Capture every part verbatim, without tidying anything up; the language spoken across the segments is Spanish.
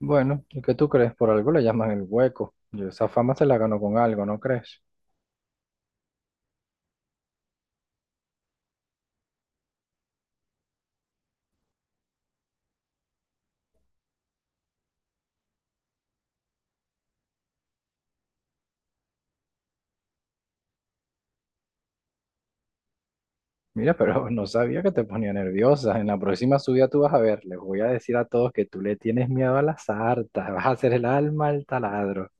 Bueno, ¿y qué tú crees? Por algo le llaman el hueco. Yo esa fama se la ganó con algo, ¿no crees? Mira, pero no sabía que te ponía nerviosa. En la próxima subida tú vas a ver, les voy a decir a todos que tú le tienes miedo a las hartas, vas a hacer el alma al taladro.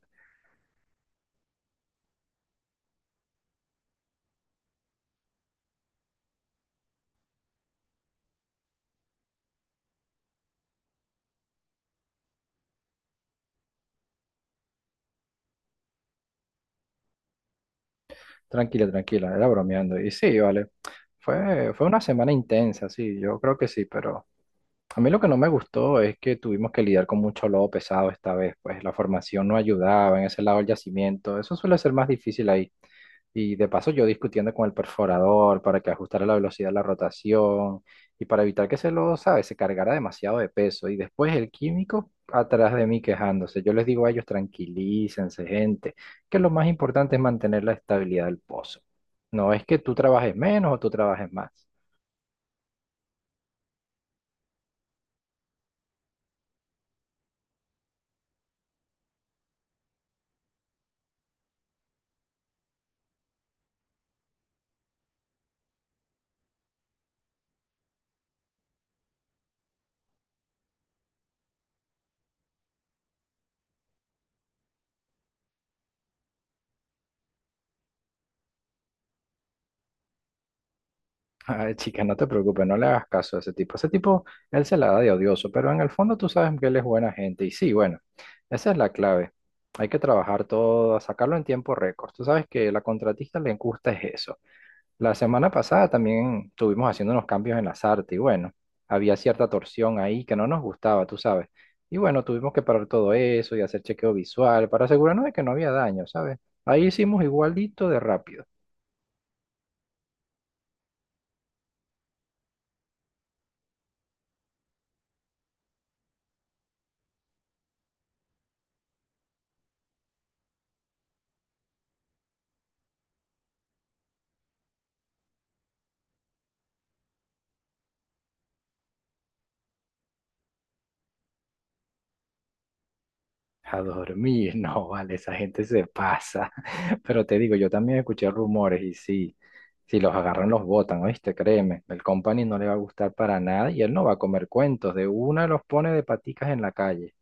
Tranquila, tranquila, era bromeando. Y sí, vale. Fue, fue una semana intensa, sí, yo creo que sí, pero a mí lo que no me gustó es que tuvimos que lidiar con mucho lodo pesado esta vez, pues la formación no ayudaba en ese lado del yacimiento, eso suele ser más difícil ahí. Y de paso yo discutiendo con el perforador para que ajustara la velocidad de la rotación y para evitar que ese lodo, ¿sabes? Se cargara demasiado de peso. Y después el químico atrás de mí quejándose. Yo les digo a ellos, tranquilícense, gente, que lo más importante es mantener la estabilidad del pozo. No es que tú trabajes menos o tú trabajes más. Ay, chica, no te preocupes, no le hagas caso a ese tipo. Ese tipo, él se la da de odioso, pero en el fondo tú sabes que él es buena gente. Y sí, bueno, esa es la clave. Hay que trabajar todo, sacarlo en tiempo récord. Tú sabes que la contratista le gusta es eso. La semana pasada también estuvimos haciendo unos cambios en las artes y bueno, había cierta torsión ahí que no nos gustaba, tú sabes. Y bueno, tuvimos que parar todo eso y hacer chequeo visual para asegurarnos de que no había daño, ¿sabes? Ahí hicimos igualito de rápido. A dormir, no, vale, esa gente se pasa. Pero te digo, yo también escuché rumores y sí, si los agarran los botan, ¿oíste? Créeme, el company no le va a gustar para nada y él no va a comer cuentos, de una los pone de paticas en la calle.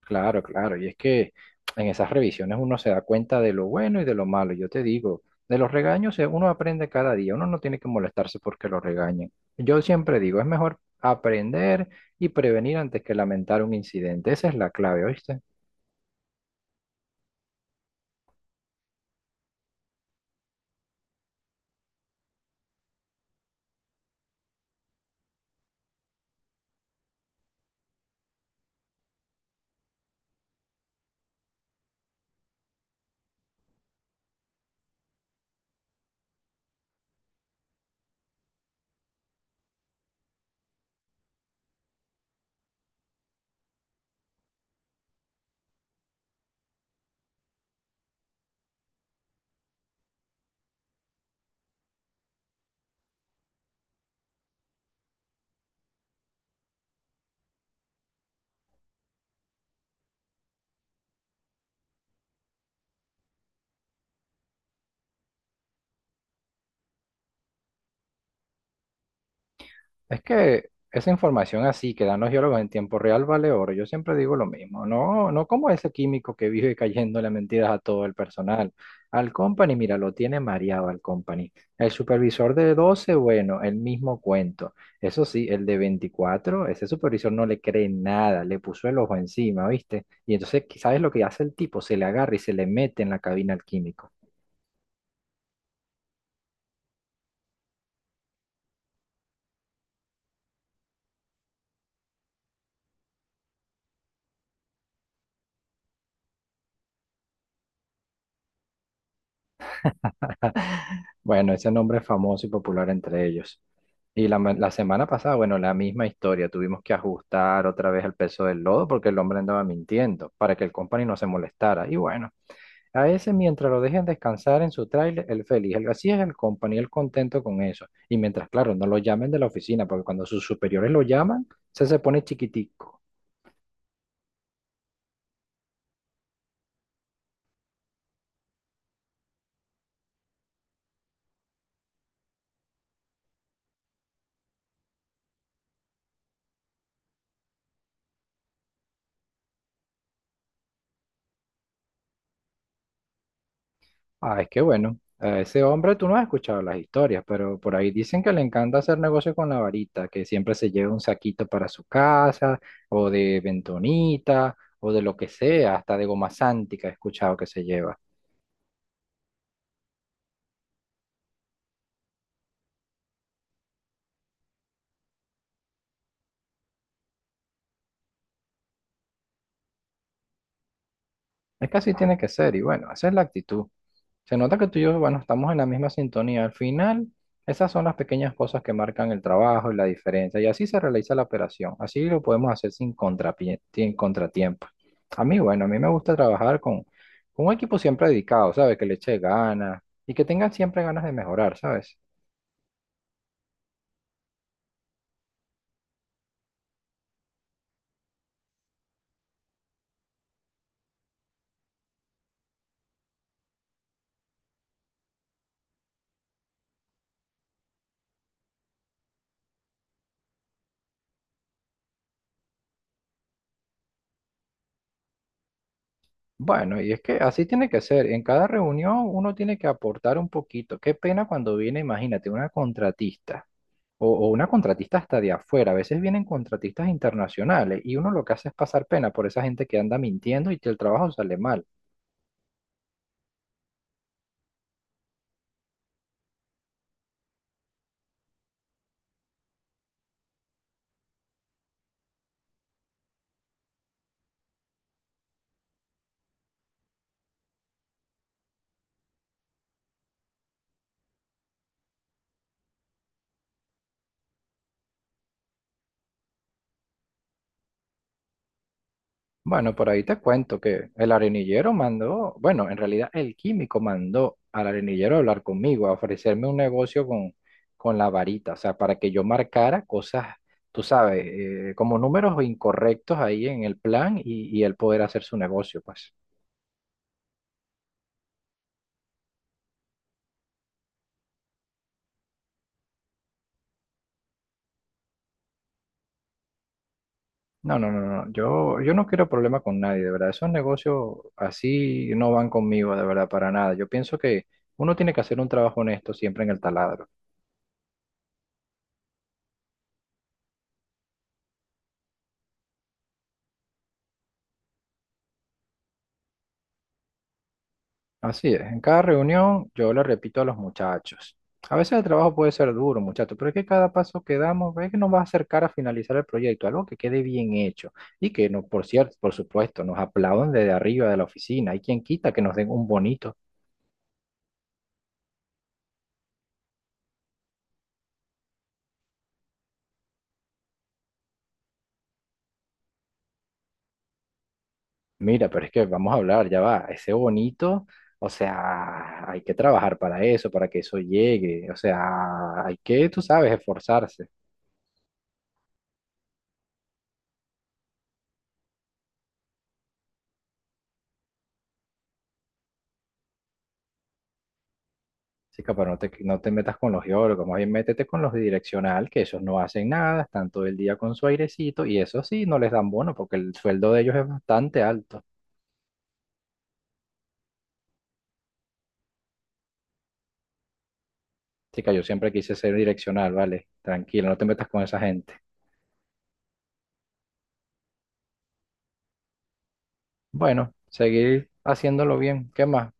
Claro, claro, y es que en esas revisiones uno se da cuenta de lo bueno y de lo malo. Yo te digo, de los regaños eh, uno aprende cada día, uno no tiene que molestarse porque lo regañen. Yo siempre digo, es mejor aprender y prevenir antes que lamentar un incidente. Esa es la clave, ¿oíste? Es que esa información así que dan los geólogos en tiempo real vale oro. Yo siempre digo lo mismo. No, no como ese químico que vive cayéndole mentiras a todo el personal. Al company, mira, lo tiene mareado al company. El supervisor de doce, bueno, el mismo cuento. Eso sí, el de veinticuatro, ese supervisor no le cree nada, le puso el ojo encima, ¿viste? Y entonces, ¿sabes lo que hace el tipo? Se le agarra y se le mete en la cabina al químico. Bueno, ese nombre es famoso y popular entre ellos. Y la, ma- la semana pasada, bueno, la misma historia. Tuvimos que ajustar otra vez el peso del lodo porque el hombre andaba mintiendo para que el company no se molestara. Y bueno, a ese, mientras lo dejen descansar en su tráiler, él feliz. El- así es el company, él contento con eso. Y mientras, claro, no lo llamen de la oficina, porque cuando sus superiores lo llaman, se se pone chiquitico. Ah, es que bueno, a ese hombre tú no has escuchado las historias, pero por ahí dicen que le encanta hacer negocio con la varita, que siempre se lleva un saquito para su casa, o de bentonita, o de lo que sea, hasta de goma sántica he escuchado que se lleva. Es que así tiene que ser, y bueno, esa es la actitud. Se nota que tú y yo, bueno, estamos en la misma sintonía. Al final, esas son las pequeñas cosas que marcan el trabajo y la diferencia. Y así se realiza la operación. Así lo podemos hacer sin contrapie- sin contratiempo. A mí, bueno, a mí me gusta trabajar con, con un equipo siempre dedicado, ¿sabes? Que le eche ganas y que tengan siempre ganas de mejorar, ¿sabes? Bueno, y es que así tiene que ser. En cada reunión uno tiene que aportar un poquito. Qué pena cuando viene, imagínate, una contratista. O, o una contratista hasta de afuera. A veces vienen contratistas internacionales y uno lo que hace es pasar pena por esa gente que anda mintiendo y que el trabajo sale mal. Bueno, por ahí te cuento que el arenillero mandó, bueno, en realidad el químico mandó al arenillero a hablar conmigo, a ofrecerme un negocio con, con la varita, o sea, para que yo marcara cosas, tú sabes, eh, como números incorrectos ahí en el plan y, y él poder hacer su negocio, pues. No, no, no, no. Yo, yo no quiero problema con nadie, de verdad. Esos negocios así no van conmigo, de verdad, para nada. Yo pienso que uno tiene que hacer un trabajo honesto siempre en el taladro. Así es. En cada reunión yo le repito a los muchachos. A veces el trabajo puede ser duro, muchachos, pero es que cada paso que damos es que nos va a acercar a finalizar el proyecto, algo que quede bien hecho y que, no, por cierto, por supuesto, nos aplaudan desde arriba de la oficina. Hay quien quita que nos den un bonito. Mira, pero es que vamos a hablar, ya va, ese bonito, o sea, hay que trabajar para eso, para que eso llegue, o sea, hay que, tú sabes, esforzarse. Chica, pero no te, no te metas con los geólogos, más bien métete con los de direccional, que esos no hacen nada, están todo el día con su airecito, y eso sí, no les dan bono, porque el sueldo de ellos es bastante alto. Chica, yo siempre quise ser direccional, vale, tranquilo, no te metas con esa gente. Bueno, seguir haciéndolo bien, ¿qué más?